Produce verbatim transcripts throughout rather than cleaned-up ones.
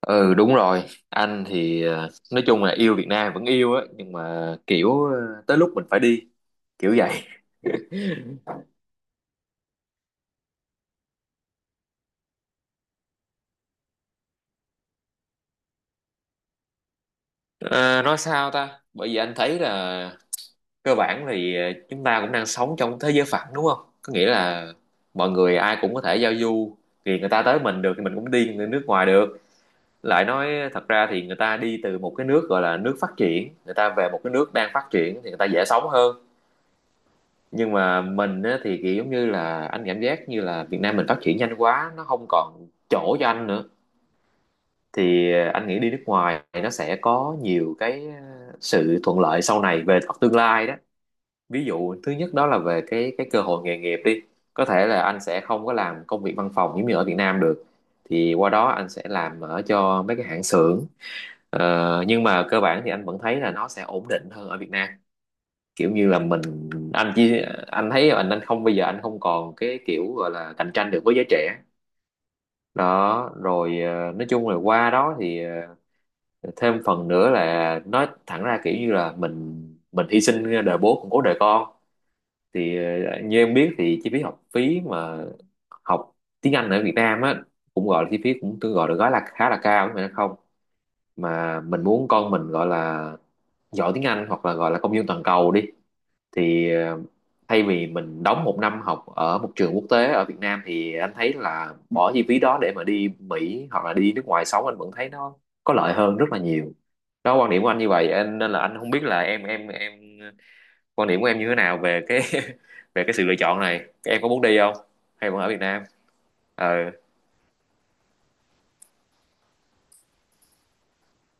Ừ, đúng rồi. Anh thì ờ, nói chung là yêu Việt Nam vẫn yêu á, nhưng mà kiểu ờ, tới lúc mình phải đi, kiểu vậy. Ờ, nói sao ta, bởi vì anh thấy là cơ bản thì ờ, chúng ta cũng đang sống trong thế giới phẳng, đúng không? Có nghĩa là mọi người ai cũng có thể giao du, thì người ta tới mình được thì mình cũng đi người nước ngoài được. Lại nói thật ra thì người ta đi từ một cái nước gọi là nước phát triển, người ta về một cái nước đang phát triển thì người ta dễ sống hơn. Nhưng mà mình á, thì kiểu giống như là anh cảm giác như là Việt Nam mình phát triển nhanh quá, nó không còn chỗ cho anh nữa. Thì ờ, anh nghĩ đi nước ngoài nó sẽ có nhiều cái ờ, sự thuận lợi sau này về mặt tương lai đó. Ví dụ thứ nhất đó là về cái cái cơ hội nghề nghiệp đi. Có thể là anh sẽ không có làm công việc văn phòng giống như ở Việt Nam được, thì qua đó anh sẽ làm ở cho mấy cái hãng xưởng. Ờ, nhưng mà cơ bản thì anh vẫn thấy là nó sẽ ổn định hơn ở Việt Nam, kiểu như là mình. Anh chỉ, anh thấy anh anh không, bây giờ anh không còn cái kiểu gọi là cạnh tranh được với giới trẻ đó. Rồi ờ, nói chung là qua đó thì ờ, thêm phần nữa là nói thẳng ra kiểu như là mình mình hy sinh đời bố cũng cố đời con. Thì ờ, như em biết thì chi phí học phí mà học tiếng Anh ở Việt Nam á, cũng gọi là chi phí cũng tương gọi được gói là khá là cao, đúng không? Mà mình muốn con mình gọi là giỏi tiếng Anh, hoặc là gọi là công dân toàn cầu đi, thì ờ, thay vì mình đóng một năm học ở một trường quốc tế ở Việt Nam, thì anh thấy là bỏ chi phí đó để mà đi Mỹ hoặc là đi nước ngoài sống anh vẫn thấy nó có lợi hơn rất là nhiều. Đó, quan điểm của anh như vậy anh, nên là anh không biết là em em em quan điểm của em như thế nào về cái về cái sự lựa chọn này. Em có muốn đi không, hay vẫn ở Việt Nam? Ờ.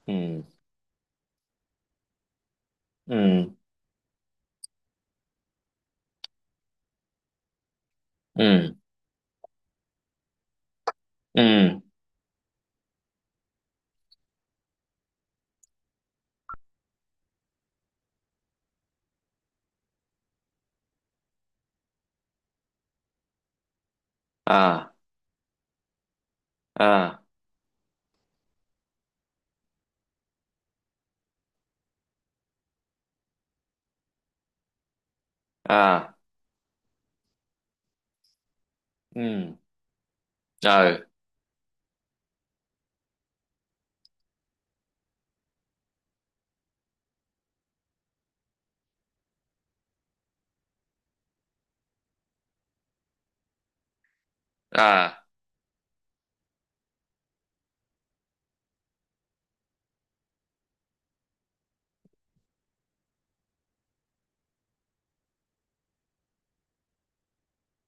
Ừ. Ừ. Ừ. Ừ. À. À. À. Ừ. Ờ. À.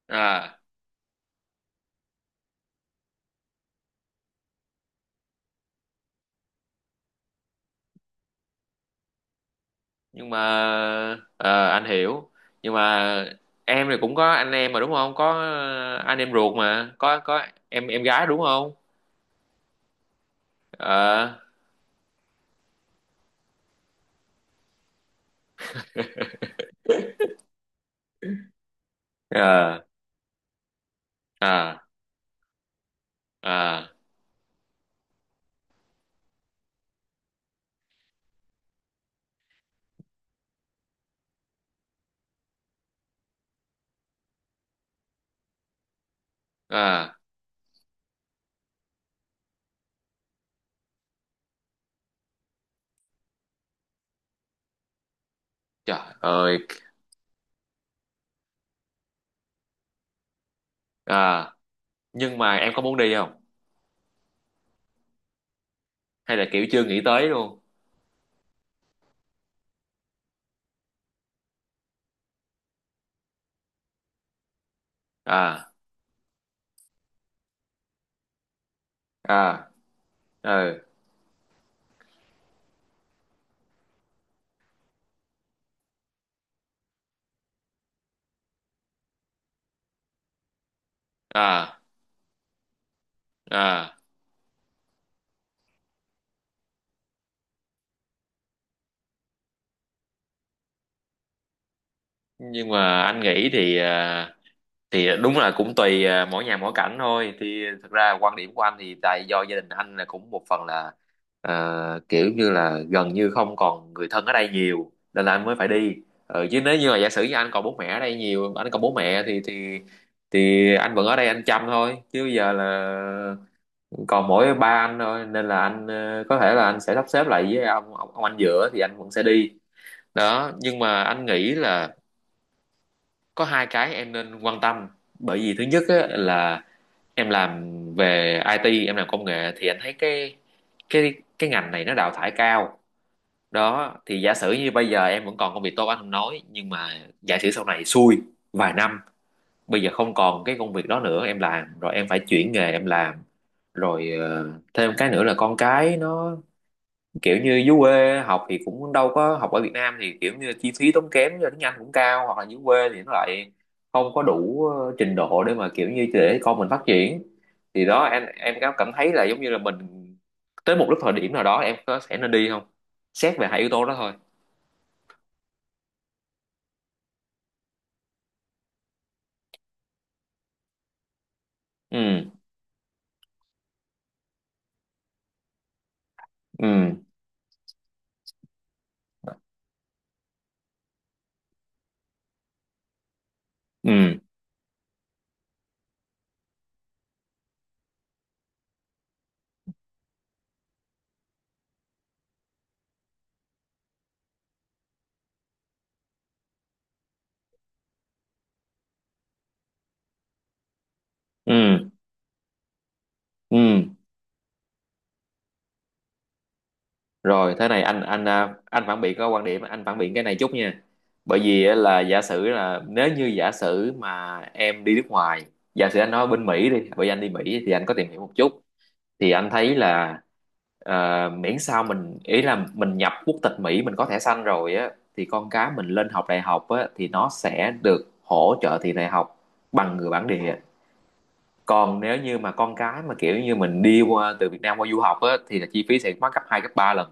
À. Nhưng mà ờ, anh hiểu. Nhưng mà em thì cũng có anh em mà đúng không, có ờ, anh em ruột mà, có có em em gái đúng không? Ờ. Ờ. Ờ. Ờ. Ờ. Trời ơi! Ờ. Nhưng mà em có muốn đi không, hay là kiểu chưa nghĩ tới luôn? À. À. Ừ. À. À. Nhưng mà anh nghĩ thì à, thì đúng là cũng tùy à, mỗi nhà mỗi cảnh thôi, thì thực ra quan điểm của anh thì tại do gia đình anh là cũng một phần là Ờ, kiểu như là gần như không còn người thân ở đây nhiều, nên là anh mới phải đi. Ờ, chứ nếu như là giả sử như anh còn bố mẹ ở đây nhiều, anh còn bố mẹ thì thì thì anh vẫn ở đây anh chăm thôi. Chứ bây giờ là còn mỗi ba anh thôi, nên là anh ờ, có thể là anh sẽ sắp xếp lại với ông ông, ông anh giữa, thì anh vẫn sẽ đi đó. Nhưng mà anh nghĩ là có hai cái em nên quan tâm. Bởi vì thứ nhất á, là em làm về ai ti, em làm công nghệ thì anh thấy cái cái cái ngành này nó đào thải cao đó. Thì giả sử như bây giờ em vẫn còn công việc tốt anh không nói, nhưng mà giả sử sau này xui vài năm, bây giờ không còn cái công việc đó nữa em làm, rồi em phải chuyển nghề em làm. Rồi ờ, thêm cái nữa là con cái nó kiểu như dưới quê học thì cũng đâu có học ở Việt Nam, thì kiểu như chi phí tốn kém như tiếng Anh cũng cao, hoặc là dưới quê thì nó lại không có đủ ờ, trình độ để mà kiểu như để con mình phát triển. Thì đó, em em có cảm thấy là giống như là mình tới một lúc thời điểm nào đó em có sẽ nên đi không? Xét về hai yếu tố đó thôi. Ừ. Ừ. Ừ. Ừ. Ừ. Rồi thế này anh, anh à, anh phản biện, có quan điểm anh phản biện cái này chút nha. Bởi vì á, là giả sử là nếu như giả sử mà em đi nước ngoài, giả sử anh nói bên Mỹ đi, bởi vì anh đi Mỹ thì anh có tìm hiểu một chút, thì anh thấy là ờ, miễn sao mình ý là mình nhập quốc tịch Mỹ, mình có thẻ xanh rồi á, thì con cái mình lên học đại học á thì nó sẽ được hỗ trợ tiền đại học bằng người bản địa. Còn nếu như mà con cái mà kiểu như mình đi qua từ Việt Nam qua du học á, thì là chi phí sẽ mắc gấp hai gấp ba lần.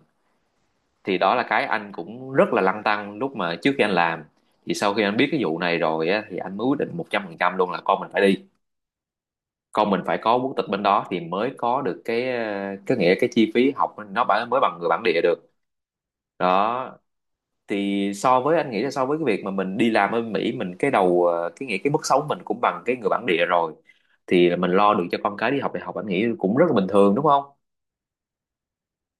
Thì đó là cái anh cũng rất là lăn tăn lúc mà trước khi anh làm, thì sau khi anh biết cái vụ này rồi á, thì anh mới quyết định một trăm phần trăm luôn là con mình phải đi, con mình phải có quốc tịch bên đó thì mới có được cái ờ, cái nghĩa cái chi phí học nó bả- mới bằng người bản địa được đó. Thì so với anh nghĩ là so với cái việc mà mình đi làm ở Mỹ, mình cái đầu ờ, cái nghĩa cái mức sống mình cũng bằng cái người bản địa rồi, thì mình lo được cho con cái đi học đại học anh nghĩ cũng rất là bình thường đúng không?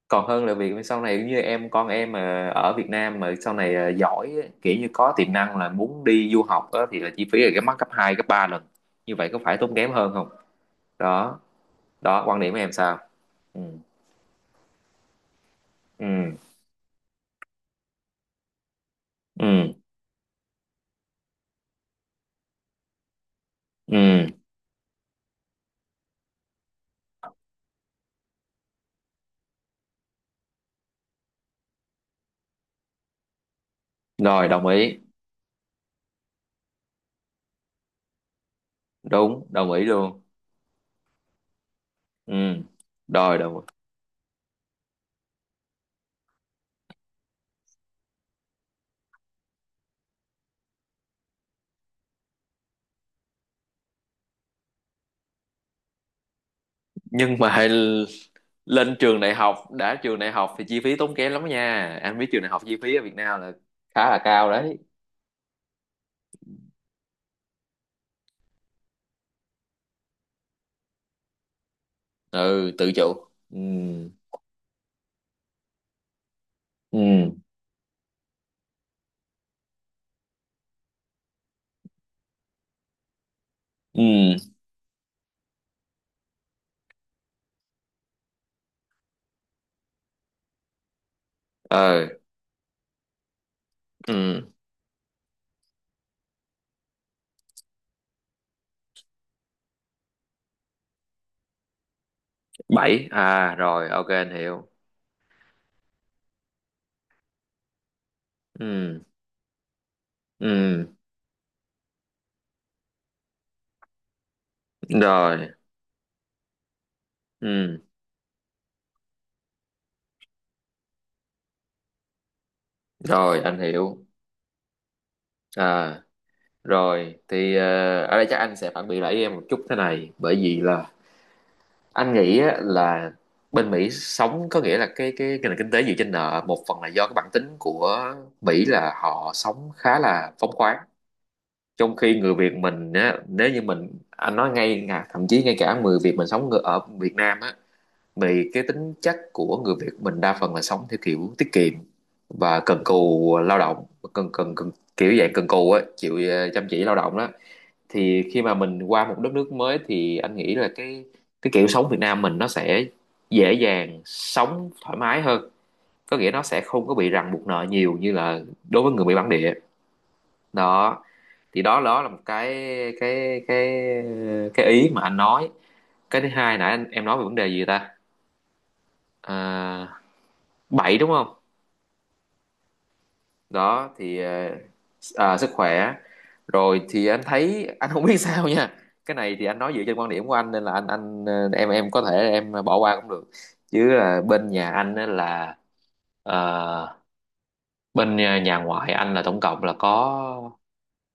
Còn hơn là việc sau này như em, con em mà ở Việt Nam mà sau này à, giỏi á, kiểu như có tiềm năng là muốn đi du học á, thì là chi phí là cái mắc gấp hai gấp ba lần, như vậy có phải tốn kém hơn không? Đó, đó quan điểm của em sao? Ừ. Ừ. Ừ. Ừ. Rồi, đồng ý. Đúng, đồng ý luôn. Ừ, rồi đồng ý. Nhưng mà l- lên trường đại học đã, trường đại học thì chi phí tốn kém lắm nha, anh biết trường đại học chi phí ở Việt Nam là khá là cao đấy. Ừ, tự chủ. Ừ. Ừ. Ừ. Ờ. Ừ, bảy à, rồi ok anh hiểu. Ừ. Ừ. Rồi. Ừ, rồi anh hiểu. À. Rồi thì ờ, ở đây chắc anh sẽ phản biện lại với em một chút thế này, bởi vì là anh nghĩ á, là bên Mỹ sống có nghĩa là cái cái cái nền kinh tế dựa trên nợ, một phần là do cái bản tính của Mỹ là họ sống khá là phóng khoáng. Trong khi người Việt mình á, nếu như mình anh nói ngay, thậm chí ngay cả người Việt mình sống ở Việt Nam á, vì cái tính chất của người Việt mình đa phần là sống theo kiểu tiết kiệm và cần cù lao động, cần cần, cần kiểu dạng cần cù ấy, chịu ờ, chăm chỉ lao động đó. Thì khi mà mình qua một đất nước mới thì anh nghĩ là cái cái kiểu sống Việt Nam mình nó sẽ dễ dàng sống thoải mái hơn, có nghĩa nó sẽ không có bị ràng buộc nợ nhiều như là đối với người Mỹ bản địa đó. Thì đó, đó là một cái cái cái cái ý mà anh nói. Cái thứ hai nãy anh, em nói về vấn đề gì ta? à, bảy đúng không? Đó thì ờ, à, sức khỏe. Rồi thì anh thấy anh không biết sao nha. Cái này thì anh nói dựa trên quan điểm của anh, nên là anh anh ờ, em em có thể em bỏ qua cũng được. Chứ là bên nhà anh á là ờ, bên nhà nhà ngoại anh là tổng cộng là có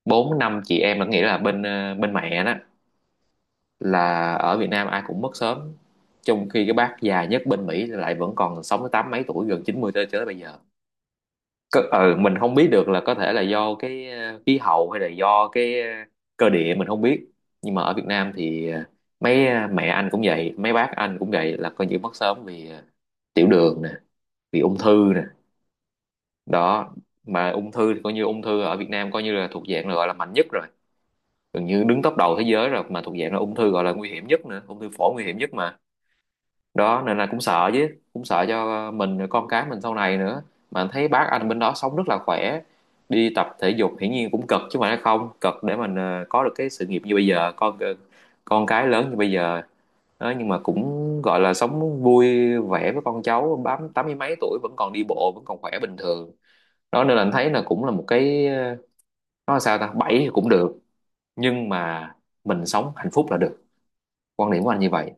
bốn năm chị em, là nghĩa là bên ờ, bên mẹ đó, là ở Việt Nam ai cũng mất sớm. Trong khi cái bác già nhất bên Mỹ lại vẫn còn sống tới tám mấy tuổi, gần chín mươi, tới tới bây giờ. Cơ, ừ, mình không biết được là có thể là do cái ờ, khí hậu, hay là do cái ờ, cơ địa mình không biết. Nhưng mà ở Việt Nam thì ờ, mấy ờ, mẹ anh cũng vậy, mấy bác anh cũng vậy, là coi như mất sớm vì ờ, tiểu đường nè, vì ung thư nè. Đó, mà ung thư thì coi như ung thư ở Việt Nam coi như là thuộc dạng là gọi là mạnh nhất rồi, gần như đứng top đầu thế giới rồi, mà thuộc dạng là ung thư gọi là nguy hiểm nhất nữa, ung thư phổi nguy hiểm nhất mà. Đó nên là cũng sợ chứ, cũng sợ cho mình rồi con cái mình sau này nữa. Mà anh thấy bác anh bên đó sống rất là khỏe, đi tập thể dục hiển nhiên cũng cực chứ, mà nó không cực để mình ờ, có được cái sự nghiệp như bây giờ, con ờ, con cái lớn như bây giờ đó. Nhưng mà cũng gọi là sống vui vẻ với con cháu, bám tám mươi mấy tuổi vẫn còn đi bộ, vẫn còn khỏe bình thường đó. Nên là anh thấy là cũng là một cái ờ, nói sao ta, bảy thì cũng được, nhưng mà mình sống hạnh phúc là được. Quan điểm của anh như vậy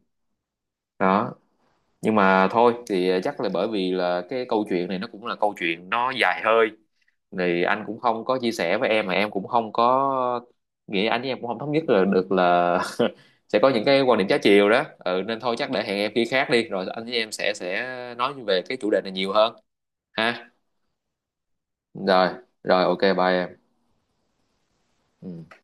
đó. Nhưng mà thôi, thì ờ, chắc là bởi vì là cái câu chuyện này nó cũng là câu chuyện nó dài hơi, thì anh cũng không có chia sẻ với em, mà em cũng không có nghĩ anh với em cũng không thống nhất là được, là sẽ có những cái quan điểm trái chiều đó. Ừ, nên thôi chắc để hẹn em khi khác đi, rồi anh với em sẽ sẽ nói về cái chủ đề này nhiều hơn. Ha. Rồi. Rồi, ok, bye em. Ừ.